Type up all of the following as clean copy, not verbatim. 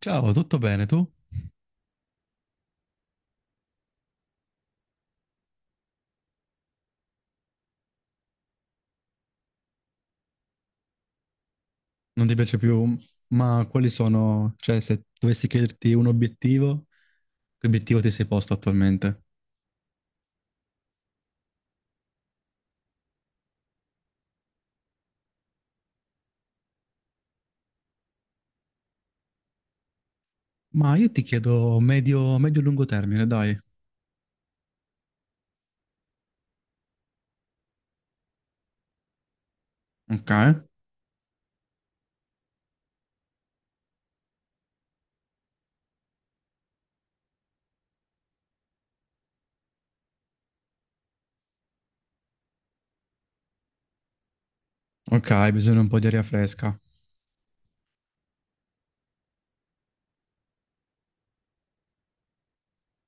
Ciao, tutto bene tu? Non ti piace più, ma quali sono, cioè se dovessi chiederti un obiettivo, che obiettivo ti sei posto attualmente? Ma io ti chiedo medio, medio-lungo termine, dai. Ok, ok, bisogna un po' di aria fresca.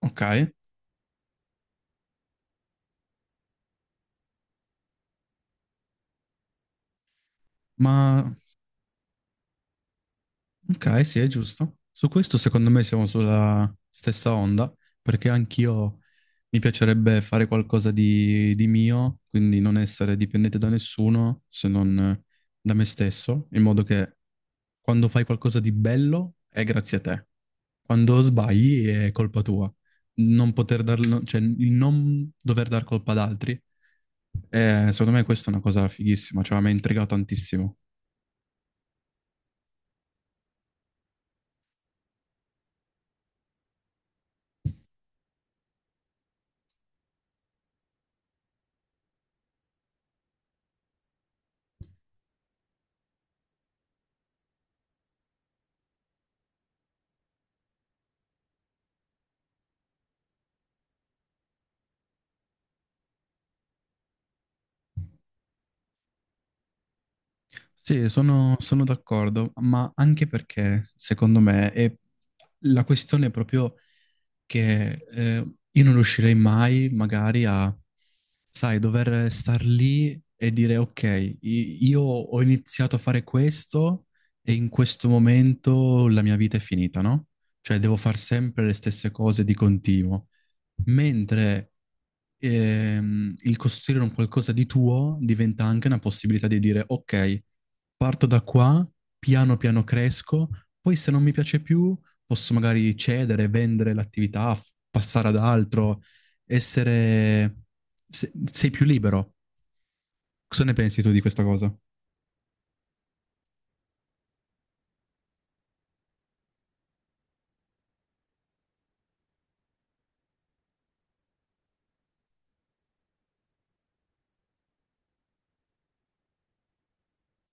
Ok, ma ok, sì, è giusto. Su questo secondo me siamo sulla stessa onda, perché anch'io mi piacerebbe fare qualcosa di mio, quindi non essere dipendente da nessuno se non da me stesso, in modo che quando fai qualcosa di bello è grazie a te. Quando sbagli è colpa tua. Non poter darlo, cioè il non dover dar colpa ad altri, secondo me questa è una cosa fighissima, cioè mi ha intrigato tantissimo. Sì, sono d'accordo, ma anche perché secondo me è la questione è proprio che io non riuscirei mai magari a, sai, dover star lì e dire ok, io ho iniziato a fare questo e in questo momento la mia vita è finita, no? Cioè devo fare sempre le stesse cose di continuo. Mentre il costruire un qualcosa di tuo diventa anche una possibilità di dire, ok, parto da qua, piano piano cresco, poi se non mi piace più posso magari cedere, vendere l'attività, passare ad altro, essere... sei più libero. Cosa ne pensi tu di questa cosa?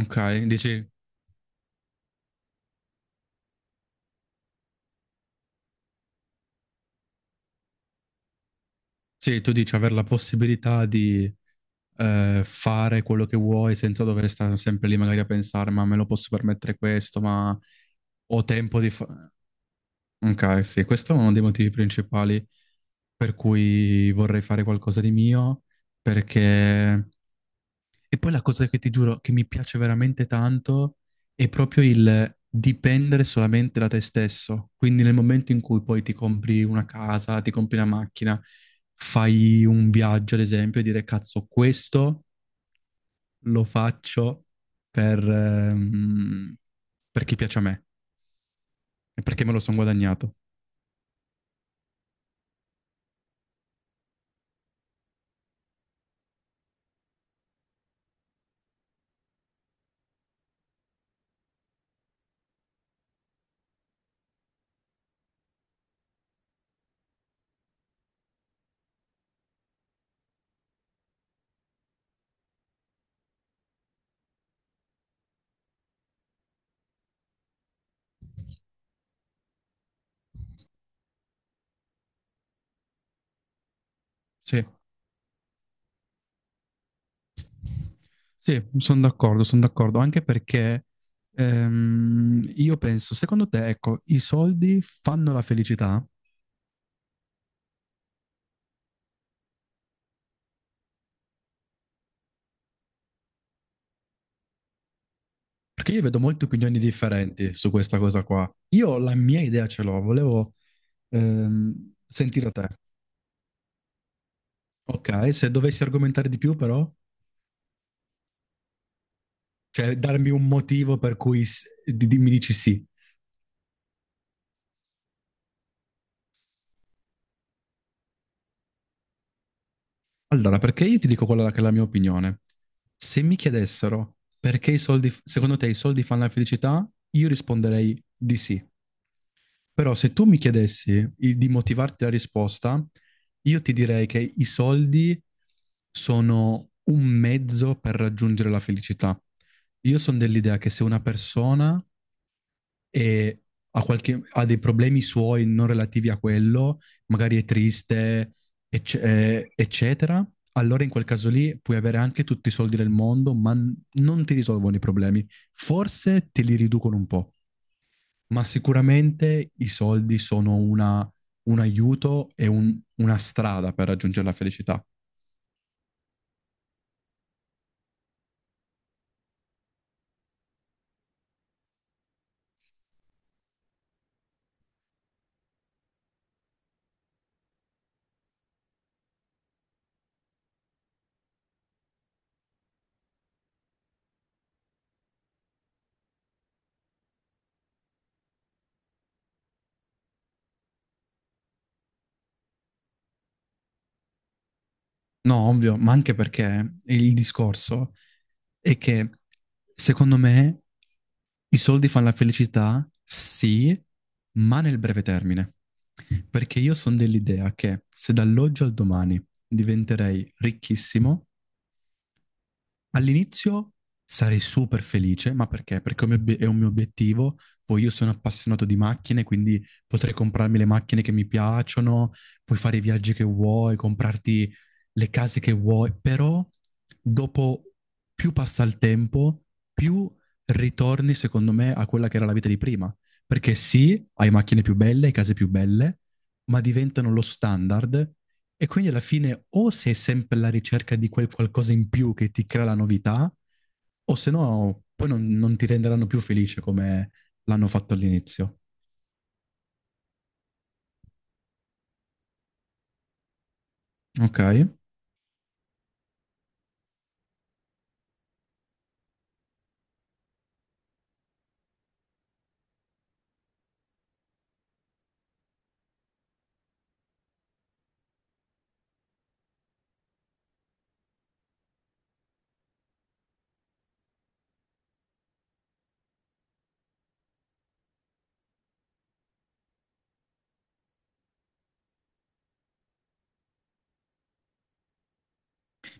Ok, dici, sì, tu dici avere la possibilità di fare quello che vuoi senza dover stare sempre lì magari a pensare, ma me lo posso permettere questo, ma ho tempo di fare... Ok, sì, questo è uno dei motivi principali per cui vorrei fare qualcosa di mio, perché... E poi la cosa che ti giuro che mi piace veramente tanto è proprio il dipendere solamente da te stesso. Quindi nel momento in cui poi ti compri una casa, ti compri una macchina, fai un viaggio, ad esempio, e dire cazzo, questo lo faccio per, ehm, per chi piace a me e perché me lo sono guadagnato. Sì, sì, sono d'accordo, anche perché io penso, secondo te, ecco, i soldi fanno la felicità? Perché io vedo molte opinioni differenti su questa cosa qua. Io la mia idea ce l'ho, volevo sentire te. Ok, se dovessi argomentare di più però, cioè darmi un motivo per cui mi dici sì. Allora, perché io ti dico quella che è la mia opinione. Se mi chiedessero perché i soldi, secondo te i soldi fanno la felicità, io risponderei di sì. Però se tu mi chiedessi di motivarti la risposta, io ti direi che i soldi sono un mezzo per raggiungere la felicità. Io sono dell'idea che se una persona e ha, ha dei problemi suoi non relativi a quello, magari è triste, eccetera, allora in quel caso lì puoi avere anche tutti i soldi del mondo, ma non ti risolvono i problemi. Forse te li riducono un po', ma sicuramente i soldi sono un aiuto e una strada per raggiungere la felicità. No, ovvio, ma anche perché il discorso è che secondo me i soldi fanno la felicità, sì, ma nel breve termine. Perché io sono dell'idea che se dall'oggi al domani diventerei ricchissimo, all'inizio sarei super felice, ma perché? Perché è un mio è un mio obiettivo. Poi io sono appassionato di macchine, quindi potrei comprarmi le macchine che mi piacciono, puoi fare i viaggi che vuoi, comprarti le case che vuoi, però dopo più passa il tempo, più ritorni, secondo me, a quella che era la vita di prima. Perché sì, hai macchine più belle, hai case più belle, ma diventano lo standard e quindi alla fine o sei sempre alla ricerca di quel qualcosa in più che ti crea la novità, o se no poi non ti renderanno più felice come l'hanno fatto all'inizio. Ok?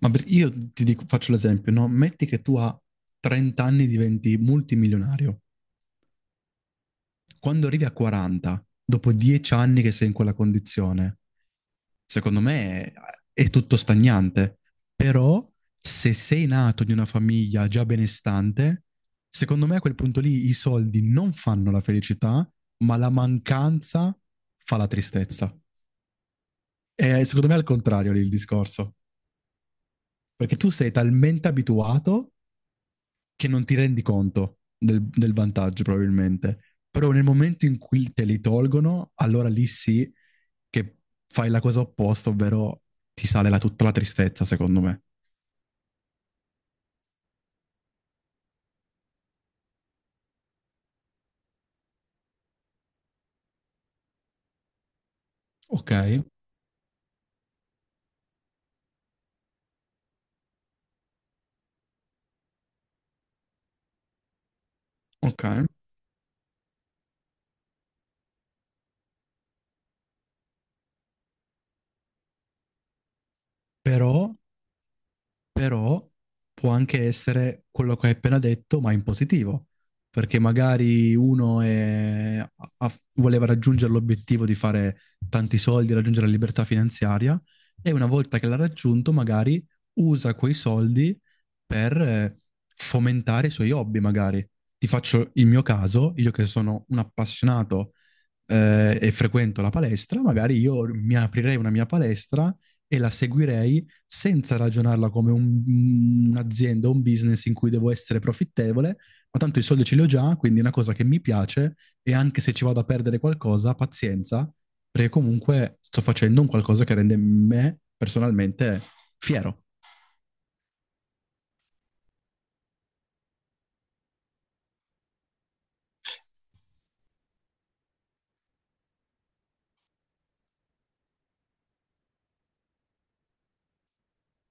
Io ti dico, faccio l'esempio, no? Metti che tu a 30 anni diventi multimilionario. Quando arrivi a 40, dopo 10 anni che sei in quella condizione, secondo me è tutto stagnante. Però se sei nato in una famiglia già benestante, secondo me a quel punto lì i soldi non fanno la felicità, ma la mancanza fa la tristezza. E secondo me è al contrario lì il discorso, perché tu sei talmente abituato che non ti rendi conto del vantaggio probabilmente. Però nel momento in cui te li tolgono, allora lì sì che fai la cosa opposta, ovvero ti sale tutta la tristezza, secondo me. Ok, ok. Però, però può anche essere quello che hai appena detto, ma in positivo, perché magari voleva raggiungere l'obiettivo di fare tanti soldi, raggiungere la libertà finanziaria, e una volta che l'ha raggiunto, magari usa quei soldi per fomentare i suoi hobby, magari. Ti faccio il mio caso, io che sono un appassionato e frequento la palestra, magari io mi aprirei una mia palestra e la seguirei senza ragionarla come un'azienda, un business in cui devo essere profittevole, ma tanto i soldi ce li ho già, quindi è una cosa che mi piace e anche se ci vado a perdere qualcosa, pazienza, perché comunque sto facendo un qualcosa che rende me personalmente fiero.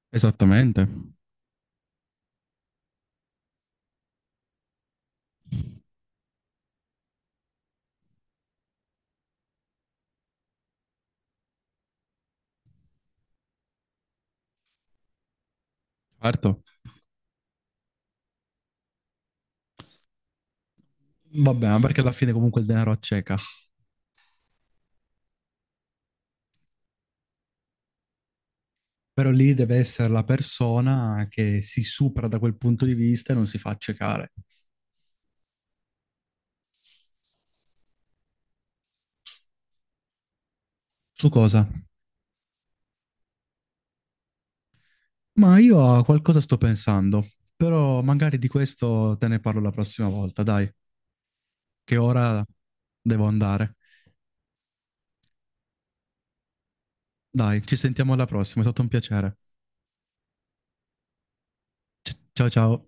Esattamente, certo. Vabbè, ma perché alla fine comunque il denaro acceca. Però lì deve essere la persona che si supera da quel punto di vista e non si fa accecare. Su cosa? Ma io a qualcosa sto pensando, però magari di questo te ne parlo la prossima volta, dai, che ora devo andare. Dai, ci sentiamo alla prossima, è stato un piacere. Ciao ciao.